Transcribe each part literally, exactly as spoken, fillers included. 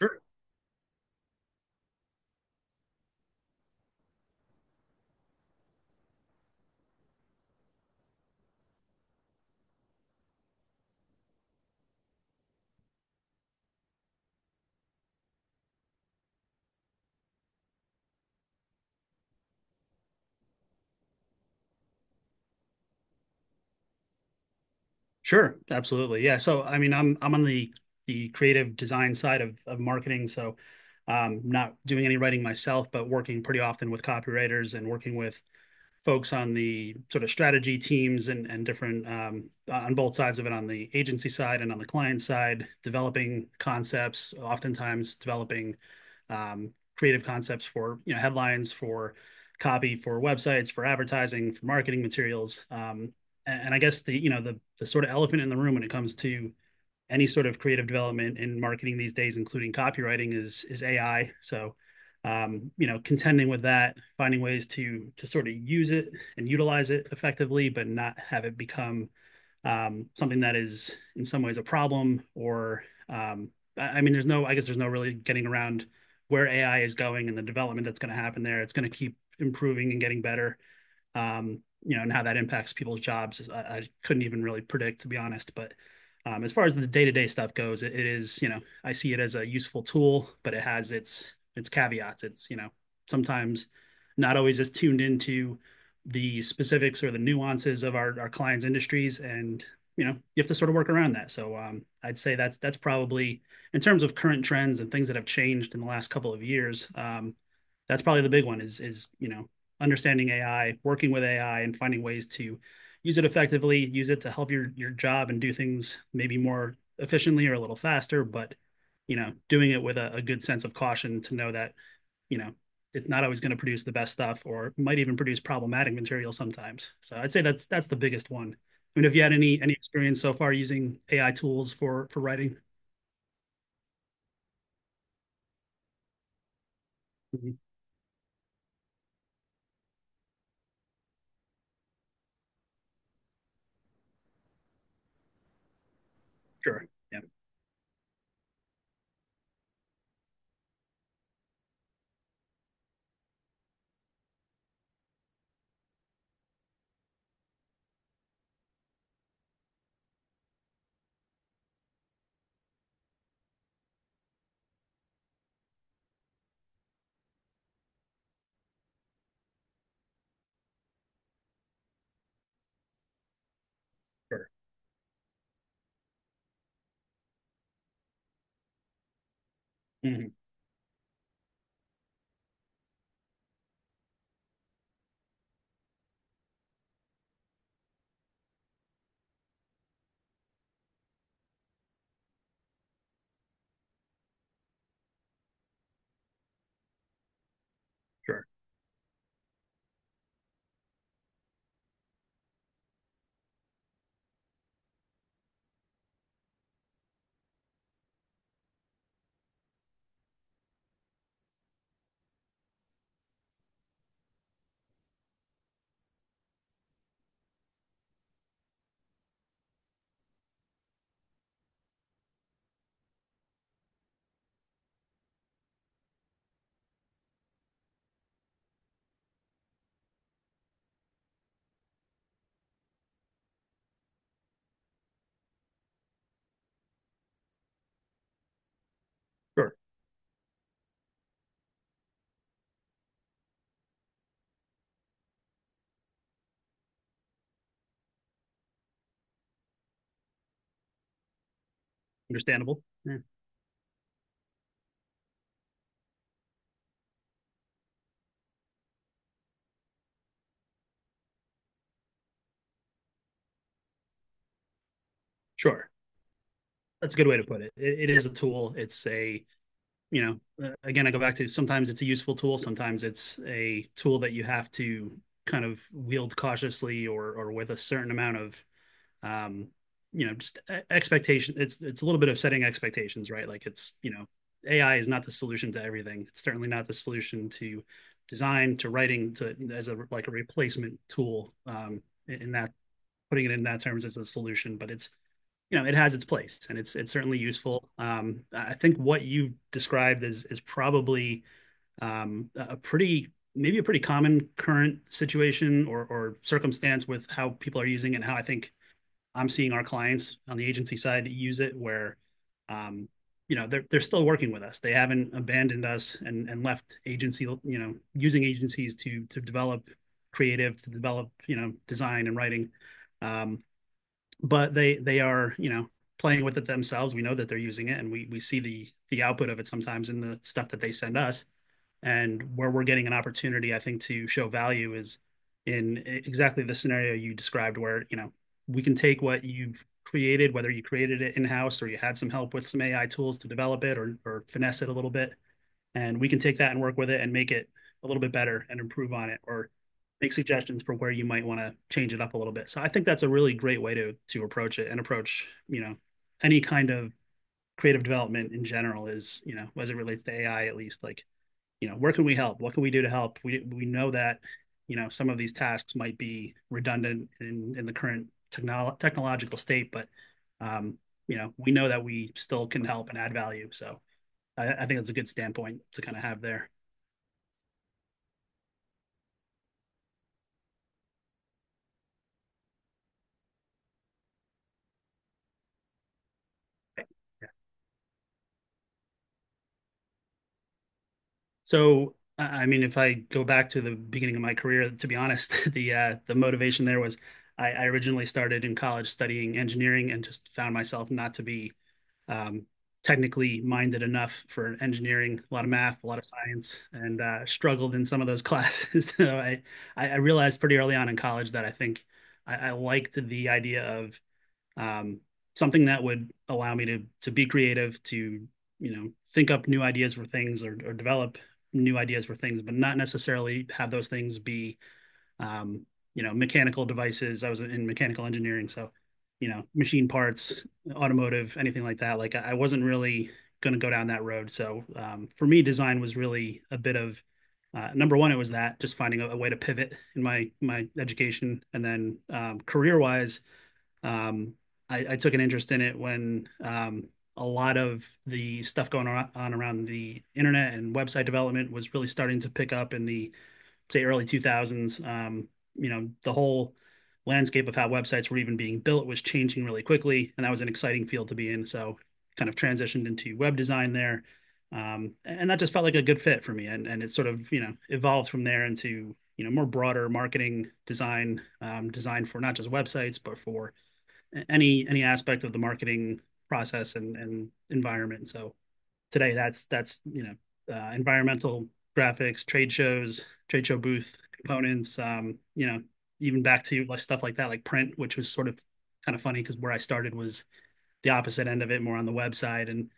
Sure, sure, absolutely. Yeah. So, I mean, I'm I'm on the the creative design side of of marketing, so um, not doing any writing myself, but working pretty often with copywriters and working with folks on the sort of strategy teams and, and different um, on both sides of it, on the agency side and on the client side, developing concepts, oftentimes developing um, creative concepts for, you know, headlines, for copy, for websites, for advertising, for marketing materials. um, and, and I guess the you know the, the sort of elephant in the room when it comes to any sort of creative development in marketing these days, including copywriting, is is A I. So, um, you know, contending with that, finding ways to to sort of use it and utilize it effectively, but not have it become um, something that is in some ways a problem. Or, um, I I mean, there's no, I guess, there's no really getting around where A I is going and the development that's going to happen there. It's going to keep improving and getting better. Um, you know, and how that impacts people's jobs, I, I couldn't even really predict, to be honest. But um, as far as the day to day stuff goes, it, it is, you know, I see it as a useful tool, but it has its its caveats. It's, you know, sometimes not always as tuned into the specifics or the nuances of our, our clients' industries. And, you know, you have to sort of work around that. So um, I'd say that's that's probably, in terms of current trends and things that have changed in the last couple of years. Um, that's probably the big one, is is, you know, understanding A I, working with A I, and finding ways to use it effectively, use it to help your your job and do things maybe more efficiently or a little faster, but, you know, doing it with a, a good sense of caution to know that, you know, it's not always going to produce the best stuff or might even produce problematic material sometimes. So I'd say that's that's the biggest one. I mean, have you had any any experience so far using A I tools for for writing? Mhm. Sure. Yeah. Sure. Mhm. Sure. Sure. Understandable. Yeah. Sure. That's a good way to put it. it. It is a tool. It's a, you know, uh, again, I go back to, sometimes it's a useful tool, sometimes it's a tool that you have to kind of wield cautiously, or or with a certain amount of um you know, just e-, expectation. It's it's a little bit of setting expectations, right? Like, it's, you know, A I is not the solution to everything. It's certainly not the solution to design, to writing, to, as a like a replacement tool, um in that, putting it in that terms as a solution. But it's, you know, it has its place, and it's it's certainly useful. um I think what you described is is probably, um a pretty, maybe a pretty common current situation or or circumstance with how people are using it, and how I think I'm seeing our clients on the agency side use it, where um you know, they're they're still working with us. They haven't abandoned us and and left agency, you know, using agencies to to develop creative, to develop, you know, design and writing. um but they they are, you know, playing with it themselves. We know that they're using it, and we we see the the output of it sometimes in the stuff that they send us. And where we're getting an opportunity, I think, to show value is in, e, exactly the scenario you described, where, you know, we can take what you've created, whether you created it in house or you had some help with some A I tools to develop it or or finesse it a little bit, and we can take that and work with it and make it a little bit better and improve on it, or make suggestions for where you might want to change it up a little bit. So I think that's a really great way to to approach it and approach, you know, any kind of creative development in general is, you know, as it relates to A I, at least, like, you know, where can we help? What can we do to help? We we know that, you know, some of these tasks might be redundant in in the current technolo- technological state, but um, you know, we know that we still can help and add value. So I, I think it's a good standpoint to kind of have there. So, I I mean, if I go back to the beginning of my career, to be honest, the uh, the motivation there was, I, I originally started in college studying engineering, and just found myself not to be um, technically minded enough for engineering. A lot of math, a lot of science, and uh, struggled in some of those classes. So I I I realized pretty early on in college that I think I, I liked the idea of um, something that would allow me to to be creative, to, you know, think up new ideas for things, or, or develop new ideas for things, but not necessarily have those things be um, you know, mechanical devices. I was in mechanical engineering, so, you know, machine parts, automotive, anything like that. Like, I wasn't really going to go down that road. So um, for me, design was really a bit of, uh, number one, it was that just finding a, a, way to pivot in my my education, and then um, career wise, um, I, I took an interest in it when um, a lot of the stuff going on around the internet and website development was really starting to pick up in the, say, early two thousands. Um, you know, the whole landscape of how websites were even being built was changing really quickly, and that was an exciting field to be in. So, kind of transitioned into web design there. Um, and that just felt like a good fit for me, and and it sort of, you know, evolved from there into, you know, more broader marketing design, um, design for not just websites, but for any any aspect of the marketing process and, and environment. So today, that's that's you know, uh, environmental graphics, trade shows, trade show booth components. Um, you know, even back to like stuff like that, like print, which was sort of kind of funny, because where I started was the opposite end of it, more on the website, and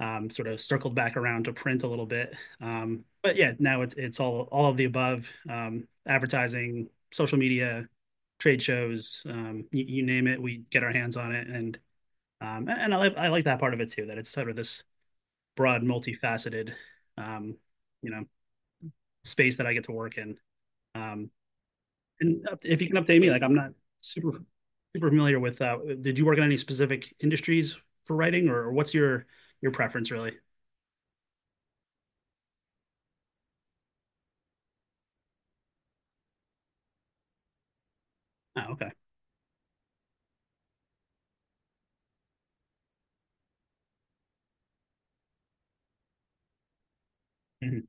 um, sort of circled back around to print a little bit. Um, but yeah, now it's it's all all of the above: um, advertising, social media, trade shows, um, you, you name it, we get our hands on it. And um, and I like, I like that part of it too, that it's sort of this broad, multifaceted, um, you know, space that I get to work in. Um, and if you can update me, like, I'm not super super familiar with. Uh, did you work in any specific industries for writing, or what's your your preference really? Oh, okay. Mhm.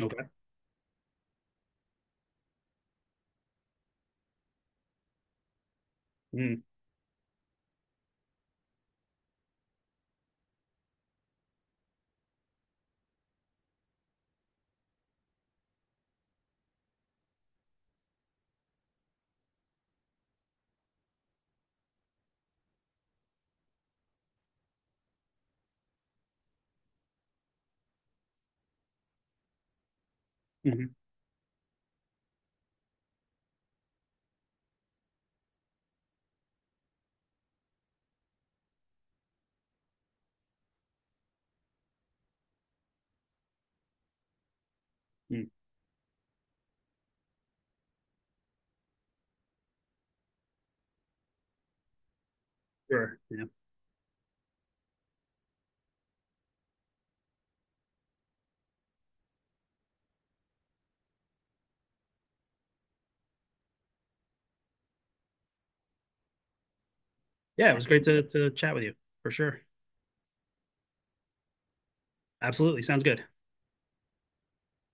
Okay. Mm. Mhm. Mm. Sure. Yeah. Yeah. It was great to to chat with you for sure. Absolutely. Sounds good.